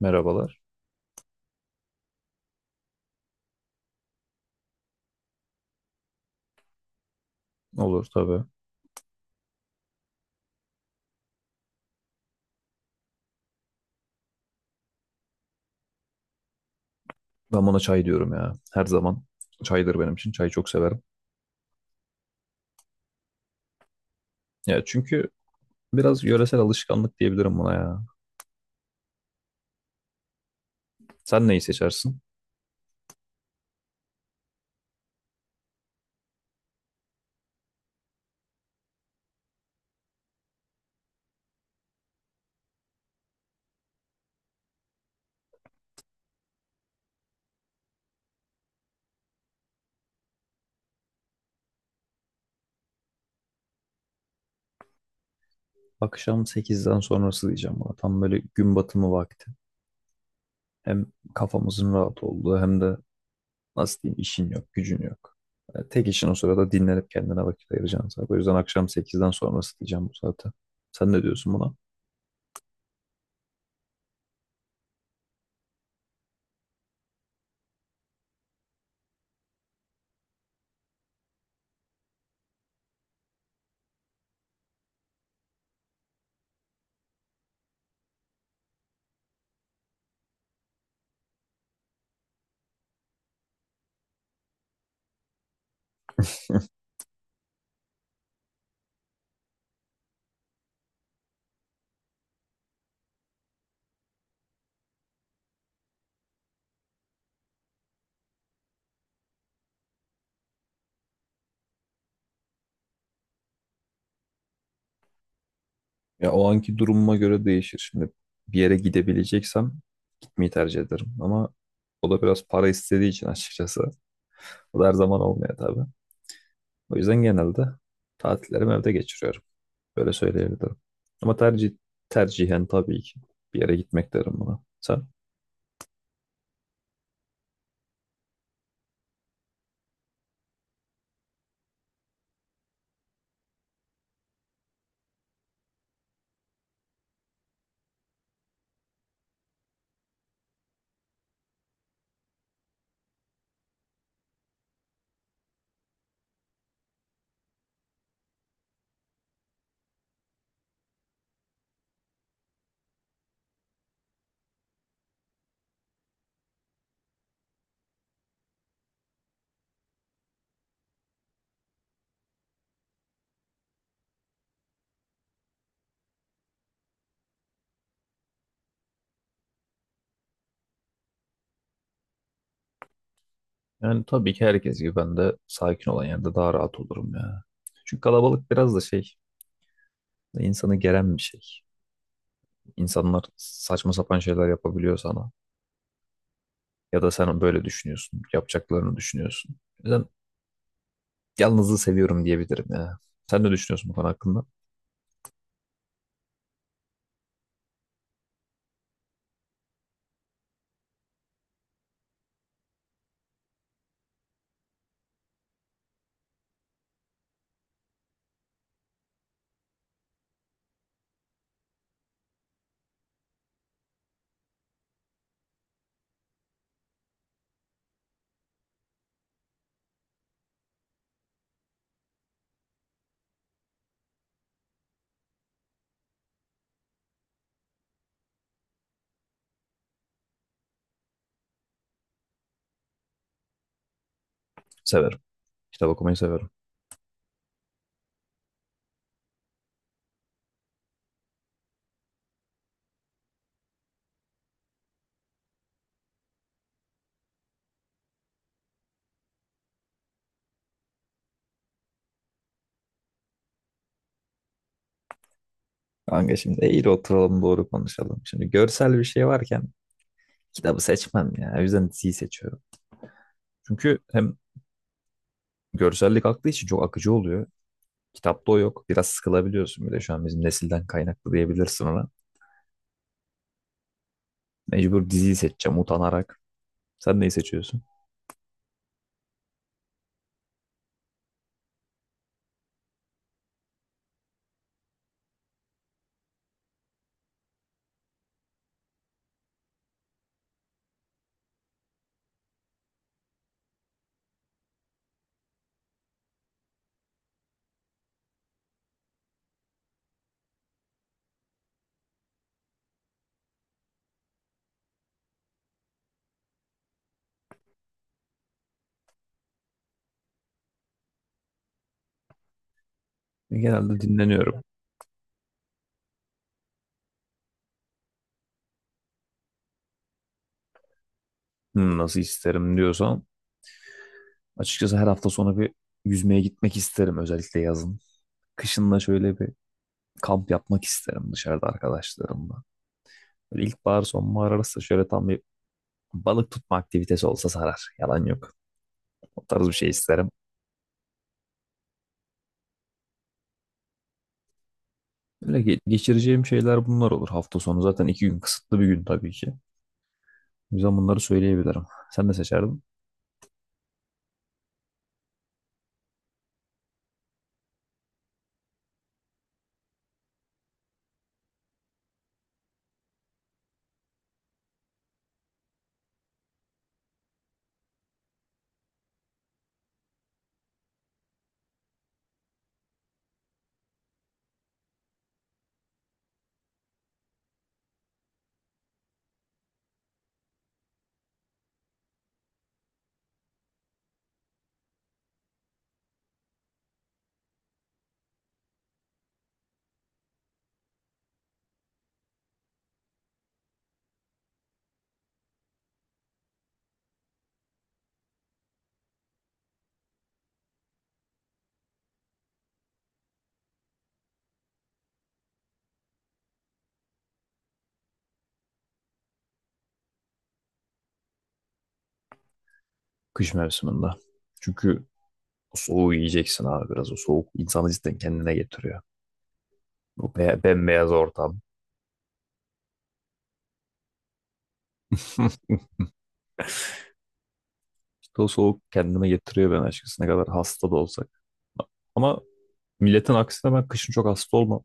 Merhabalar. Olur tabii. Ben buna çay diyorum ya. Her zaman çaydır benim için. Çayı çok severim. Ya çünkü biraz yöresel alışkanlık diyebilirim buna ya. Sen neyi seçersin? Akşam sekizden sonrası diyeceğim buna. Tam böyle gün batımı vakti. Hem kafamızın rahat olduğu hem de nasıl diyeyim işin yok, gücün yok. Yani tek işin o sırada dinlenip kendine vakit ayıracaksın zaten. O yüzden akşam 8'den sonrası diyeceğim bu saate. Sen ne diyorsun buna? Ya o anki durumuma göre değişir. Şimdi bir yere gidebileceksem mi tercih ederim. Ama o da biraz para istediği için açıkçası. O da her zaman olmuyor tabii. O yüzden genelde tatillerimi evde geçiriyorum. Böyle söyleyebilirim. Ama tercihen tabii ki bir yere gitmek derim buna. Sen? Yani tabii ki herkes gibi ben de sakin olan yerde daha rahat olurum ya. Çünkü kalabalık biraz da şey, insanı geren bir şey. İnsanlar saçma sapan şeyler yapabiliyor sana. Ya da sen böyle düşünüyorsun, yapacaklarını düşünüyorsun. O yüzden yalnızlığı seviyorum diyebilirim ya. Sen ne düşünüyorsun bu konu hakkında? Severim. Kitap okumayı severim. Kanka şimdi eğri oturalım doğru konuşalım. Şimdi görsel bir şey varken kitabı seçmem ya. O yüzden diziyi seçiyorum. Çünkü hem görsellik aklı için çok akıcı oluyor. Kitapta o yok. Biraz sıkılabiliyorsun bir şu an bizim nesilden kaynaklı diyebilirsin ona. Mecbur diziyi seçeceğim utanarak. Sen neyi seçiyorsun? Genelde dinleniyorum. Nasıl isterim diyorsan. Açıkçası her hafta sonu bir yüzmeye gitmek isterim özellikle yazın. Kışın da şöyle bir kamp yapmak isterim dışarıda arkadaşlarımla. Böyle ilkbahar sonbahar arası şöyle tam bir balık tutma aktivitesi olsa sarar. Yalan yok. O tarz bir şey isterim. Böyle geçireceğim şeyler bunlar olur. Hafta sonu zaten 2 gün kısıtlı bir gün tabii ki. O yüzden bunları söyleyebilirim. Sen ne seçerdin? Kış mevsiminde. Çünkü o soğuğu yiyeceksin abi biraz. O soğuk insanı cidden kendine getiriyor. O be bembeyaz ortam. İşte o soğuk kendime getiriyor ben açıkçası ne kadar hasta da olsak. Ama milletin aksine ben kışın çok hasta olmam.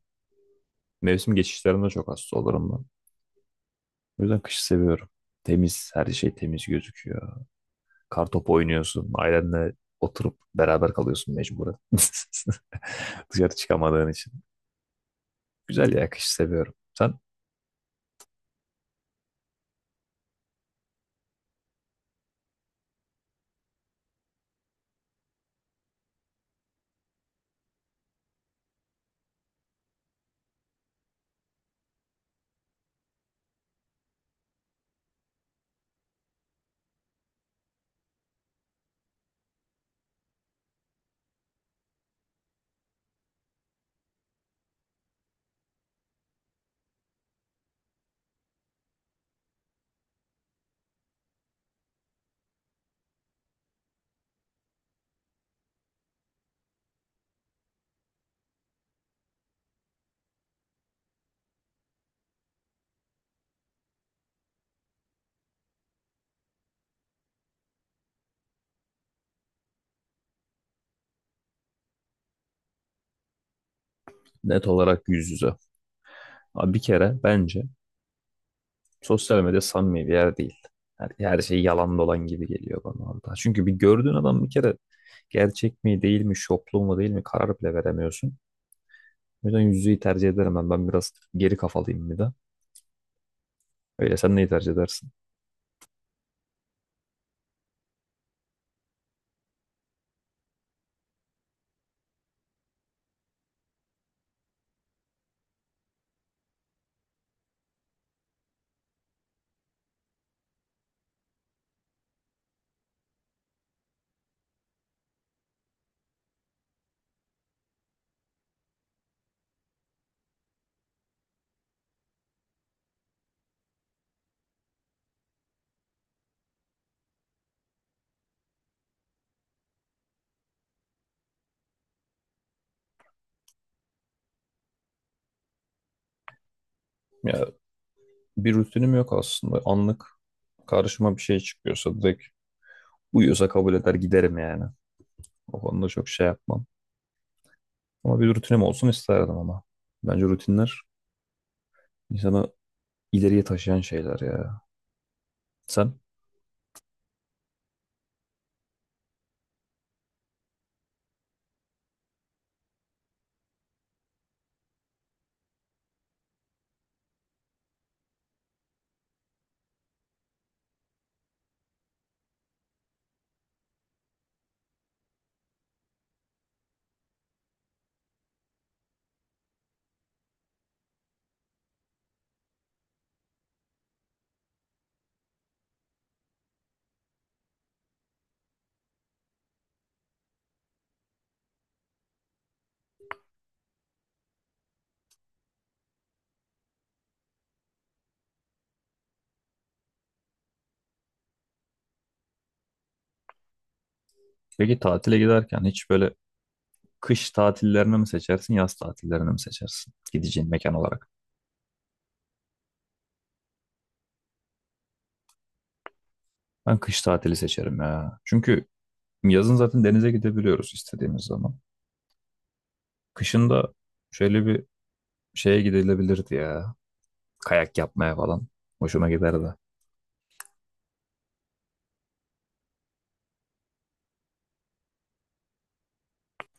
Mevsim geçişlerinde çok hasta olurum ben. O yüzden kışı seviyorum. Temiz, her şey temiz gözüküyor. Kartopu oynuyorsun, ailenle oturup beraber kalıyorsun mecburen. Dışarı çıkamadığın için. Güzel ya, kışı seviyorum. Sen? Net olarak yüz yüze. Abi bir kere bence sosyal medya samimi bir yer değil. Her şey yalan dolan gibi geliyor bana orada. Çünkü bir gördüğün adam bir kere gerçek mi değil mi, şoplu mu değil mi karar bile veremiyorsun. O yüzden yüz yüzeyi tercih ederim ben. Ben biraz geri kafalıyım bir de. Öyle sen neyi tercih edersin? Ya bir rutinim yok aslında. Anlık karşıma bir şey çıkıyorsa direkt uyuyorsa kabul eder giderim yani. O konuda çok şey yapmam. Ama bir rutinim olsun isterdim ama. Bence rutinler insanı ileriye taşıyan şeyler ya. Sen? Peki tatile giderken hiç böyle kış tatillerini mi seçersin, yaz tatillerini mi seçersin gideceğin mekan olarak? Ben kış tatili seçerim ya. Çünkü yazın zaten denize gidebiliyoruz istediğimiz zaman. Kışın da şöyle bir şeye gidilebilirdi ya. Kayak yapmaya falan. Hoşuma giderdi.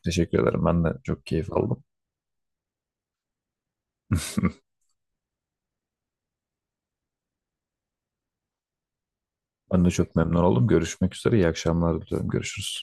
Teşekkür ederim. Ben de çok keyif aldım. Ben de çok memnun oldum. Görüşmek üzere. İyi akşamlar diliyorum. Görüşürüz.